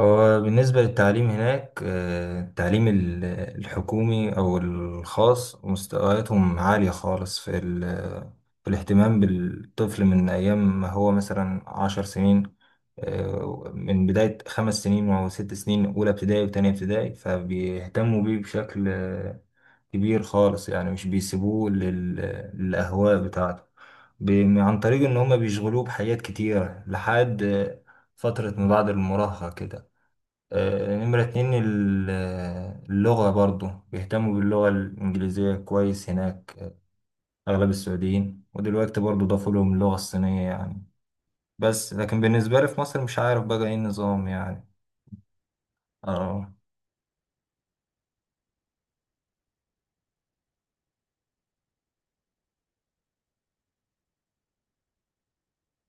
هو بالنسبة للتعليم هناك التعليم الحكومي أو الخاص مستوياتهم عالية خالص في الاهتمام بالطفل من أيام ما هو مثلا 10 سنين، من بداية 5 سنين أو 6 سنين، أولى ابتدائي وتانية ابتدائي، فبيهتموا بيه بشكل كبير خالص، يعني مش بيسيبوه للأهواء بتاعته، عن طريق إن هما بيشغلوه بحاجات كتيرة لحد فترة ما بعد المراهقة كده. نمرة 2، اللغة، برضو بيهتموا باللغة الإنجليزية كويس هناك. أغلب السعوديين، ودلوقتي برضو ضافوا لهم اللغة الصينية يعني. بس لكن بالنسبة لي في مصر مش عارف بقى إيه النظام يعني. اه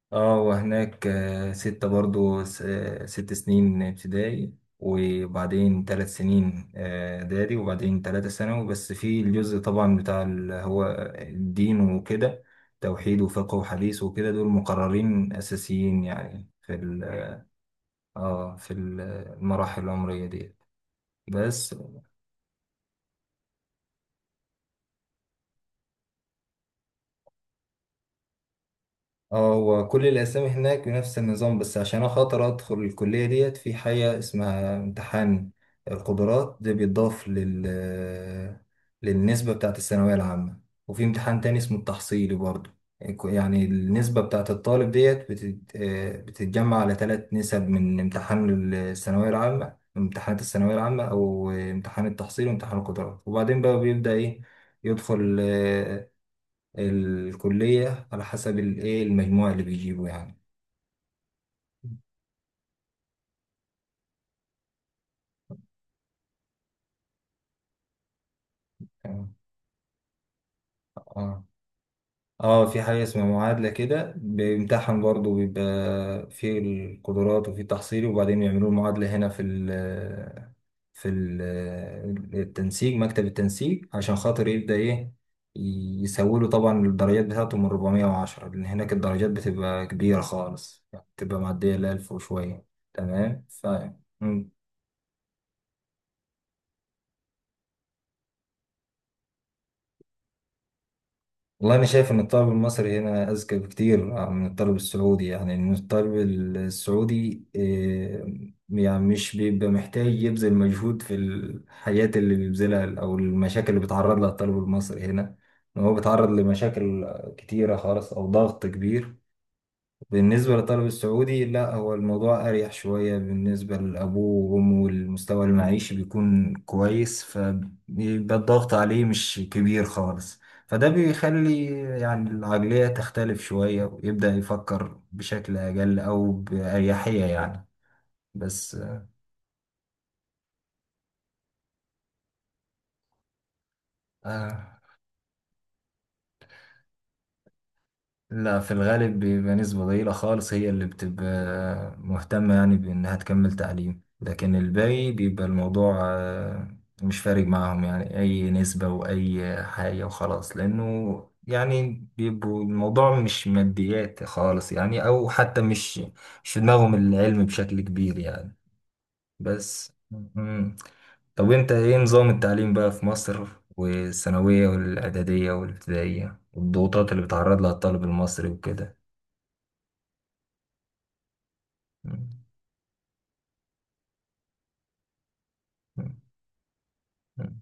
اه، وهناك ستة برضو 6 سنين ابتدائي، وبعدين 3 سنين إعدادي، وبعدين 3 ثانوي. بس في الجزء طبعا بتاع اللي هو الدين وكده: توحيد وفقه وحديث وكده، دول مقررين أساسيين يعني في ال- اه في ال- المراحل العمرية دي. بس. اه، هو كل الأسامي هناك بنفس النظام، بس عشان أخاطر أدخل الكلية ديت في حاجة اسمها امتحان القدرات، ده بيتضاف للنسبة بتاعة الثانوية العامة، وفي امتحان تاني اسمه التحصيلي برضه. يعني النسبة بتاعة الطالب ديت بتتجمع على 3 نسب: من امتحان الثانوية العامة، امتحانات الثانوية العامة أو امتحان التحصيل وامتحان القدرات، وبعدين بقى بيبدأ إيه يدخل الكلية على حسب الايه، المجموع اللي بيجيبه يعني. تمام. اه اه، في حاجة اسمها معادلة كده، بيمتحن برضه، بيبقى في القدرات وفي تحصيلي، وبعدين يعملوا المعادلة هنا في التنسيق، مكتب التنسيق، عشان خاطر يبدأ ايه يسوله. طبعا الدرجات بتاعته من 410، لأن هناك الدرجات بتبقى كبيرة خالص، يعني بتبقى معدية ال 1000 وشوية. تمام والله أنا شايف إن الطالب المصري هنا أذكى بكتير من الطالب السعودي، يعني إن الطالب السعودي يعني مش بيبقى محتاج يبذل مجهود في الحياة اللي بيبذلها، أو المشاكل اللي بيتعرض لها الطالب المصري هنا. إن هو بيتعرض لمشاكل كتيرة خالص أو ضغط كبير. بالنسبة للطالب السعودي لا، هو الموضوع أريح شوية، بالنسبة لأبوه وأمه والمستوى المعيشي بيكون كويس، فبيبقى الضغط عليه مش كبير خالص. فده بيخلي يعني العقلية تختلف شوية، ويبدأ يفكر بشكل أقل أو بأريحية يعني. بس آه لا، في الغالب بيبقى نسبة ضئيلة خالص هي اللي بتبقى مهتمة يعني بإنها تكمل تعليم، لكن الباقي بيبقى الموضوع مش فارق معاهم، يعني أي نسبة وأي حاجة وخلاص، لأنه يعني بيبقوا الموضوع مش ماديات خالص يعني، أو حتى مش في دماغهم العلم بشكل كبير يعني. بس مم. طب وانت ايه نظام التعليم بقى في مصر، والثانوية والإعدادية والابتدائية والضغوطات اللي بيتعرض لها الطالب المصري وكده؟ مم. مم. مم.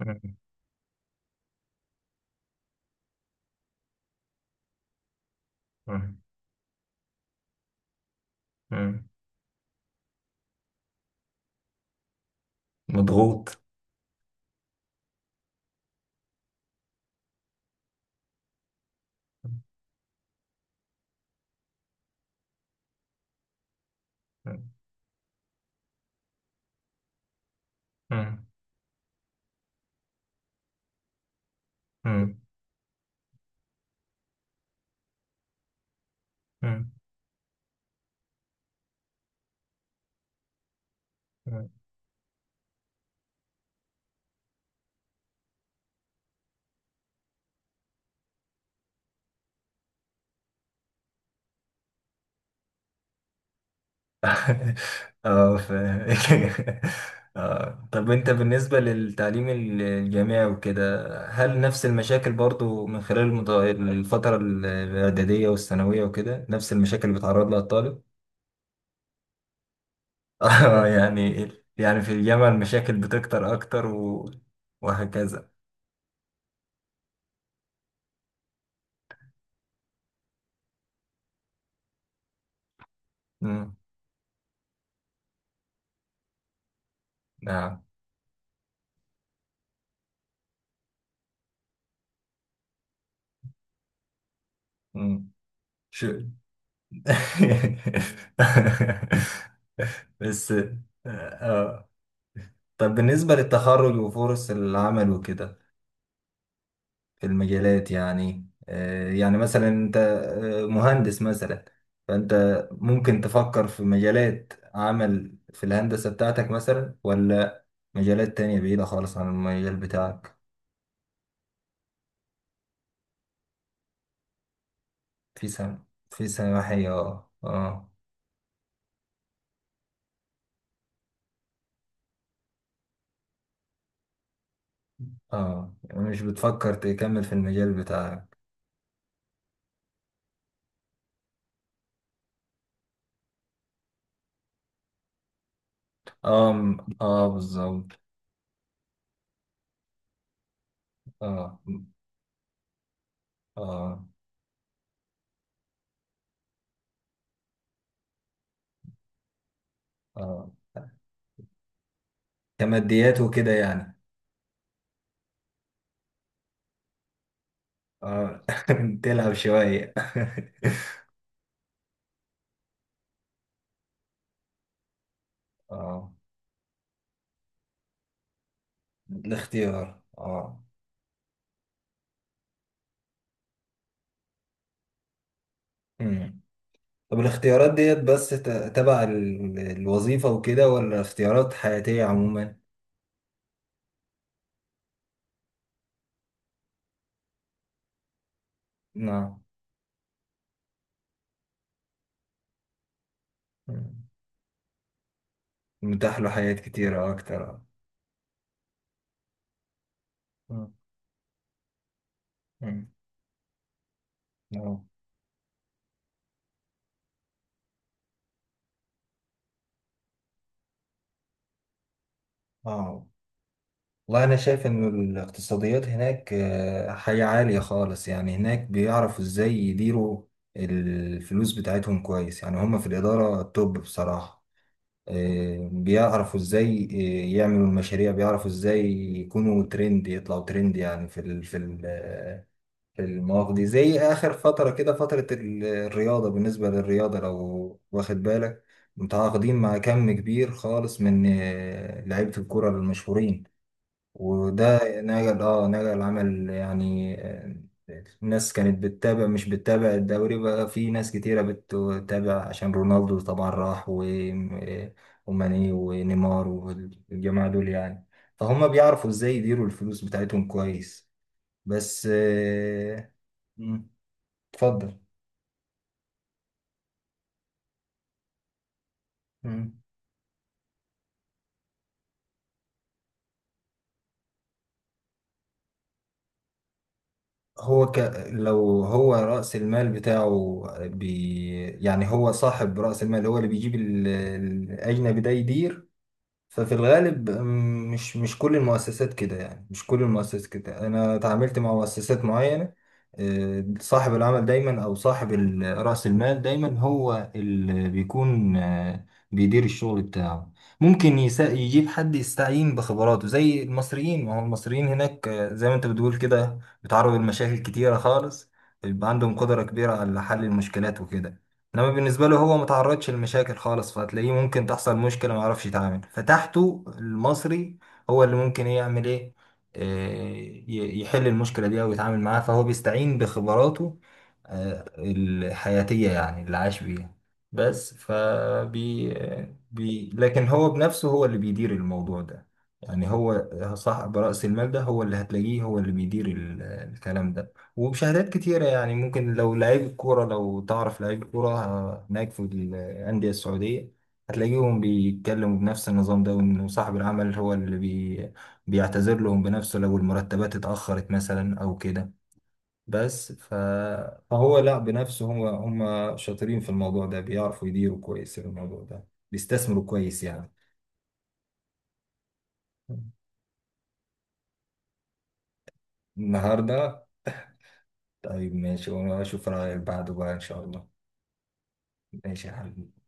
مم. مم. مم. مضغوط. مم. مم. مم. مم. اه ف... اه، طب انت بالنسبة للتعليم الجامعي وكده، هل نفس المشاكل برضو من خلال الفترة الإعدادية والثانوية وكده، نفس المشاكل اللي بيتعرض لها الطالب؟ اه يعني، في الجامعة المشاكل بتكتر أكتر و... وهكذا. مم. نعم. مم. شو. بس. اه، طب بالنسبة للتخرج وفرص العمل وكده، المجالات يعني، يعني مثلا انت مهندس مثلا، فانت ممكن تفكر في مجالات عمل في الهندسة بتاعتك مثلا، ولا مجالات تانية بعيدة خالص عن المجال بتاعك؟ في سم في سماحية، اه اه. اه، يعني مش بتفكر تكمل في المجال بتاعك. اه بالظبط. اه اه اه، كماديات وكده يعني. اه. تلعب شوية. اه، الاختيار اه. مم. طب الاختيارات ديت بس تبع الوظيفة وكده، ولا اختيارات حياتية عموما؟ نعم. مم. متاح له حاجات كتيرة أكتر، اه. مم. مم. اه. آه. والله أنا شايف إن الاقتصاديات هناك حاجة عالية خالص، يعني هناك بيعرفوا إزاي يديروا الفلوس بتاعتهم كويس يعني. هما في الإدارة توب بصراحة. بيعرفوا ازاي يعملوا المشاريع، بيعرفوا ازاي يكونوا ترند، يطلعوا ترند، يعني في ال في ال آه، في المواقف دي، زي اخر فترة كده، فترة الرياضة. بالنسبة للرياضة لو واخد بالك، متعاقدين مع كم كبير خالص من لعيبة الكرة المشهورين. وده نجل اه نجل عمل، يعني الناس كانت بتتابع، مش بتتابع الدوري بقى، في ناس كتيرة بتتابع عشان رونالدو طبعا راح آه، وماني ونيمار والجماعة دول يعني. فهم بيعرفوا ازاي يديروا الفلوس بتاعتهم كويس. بس مم، اتفضل. مم. هو ك... لو هو رأس المال بتاعه يعني هو صاحب رأس المال، هو اللي بيجيب الأجنبي ده يدير. ففي الغالب مش كل المؤسسات كده، يعني مش كل المؤسسات كده، انا تعاملت مع مؤسسات معينة. صاحب العمل دايما، او صاحب رأس المال دايما، هو اللي بيكون بيدير الشغل بتاعه. ممكن يجيب حد يستعين بخبراته زي المصريين، ما هو المصريين هناك زي ما انت بتقول كده بيتعرضوا لمشاكل كتيرة خالص، بيبقى عندهم قدرة كبيرة على حل المشكلات وكده. انما بالنسبه له، هو متعرضش لمشاكل خالص، فهتلاقيه ممكن تحصل مشكله ما يعرفش يتعامل، فتحته المصري هو اللي ممكن إيه يعمل ايه، إيه، يحل المشكله دي او يتعامل معاها. فهو بيستعين بخبراته الحياتيه يعني، اللي عاش بيها. بس فبي بي لكن هو بنفسه هو اللي بيدير الموضوع ده، يعني هو صاحب رأس المال ده هو اللي هتلاقيه هو اللي بيدير الكلام ده. وبشهادات كتيرة، يعني ممكن لو لعيب الكورة، لو تعرف لعيب الكورة هناك في الأندية السعودية هتلاقيهم بيتكلموا بنفس النظام ده، وإنه صاحب العمل هو اللي بيعتذر لهم بنفسه لو المرتبات اتأخرت مثلا أو كده. بس ف... فهو لا بنفسه، هو هم شاطرين في الموضوع ده، بيعرفوا يديروا كويس الموضوع ده، بيستثمروا كويس يعني. النهاردة. طيب ماشي، وأنا أشوف رأيك بعده بقى إن شاء الله. ماشي يا حبيبي.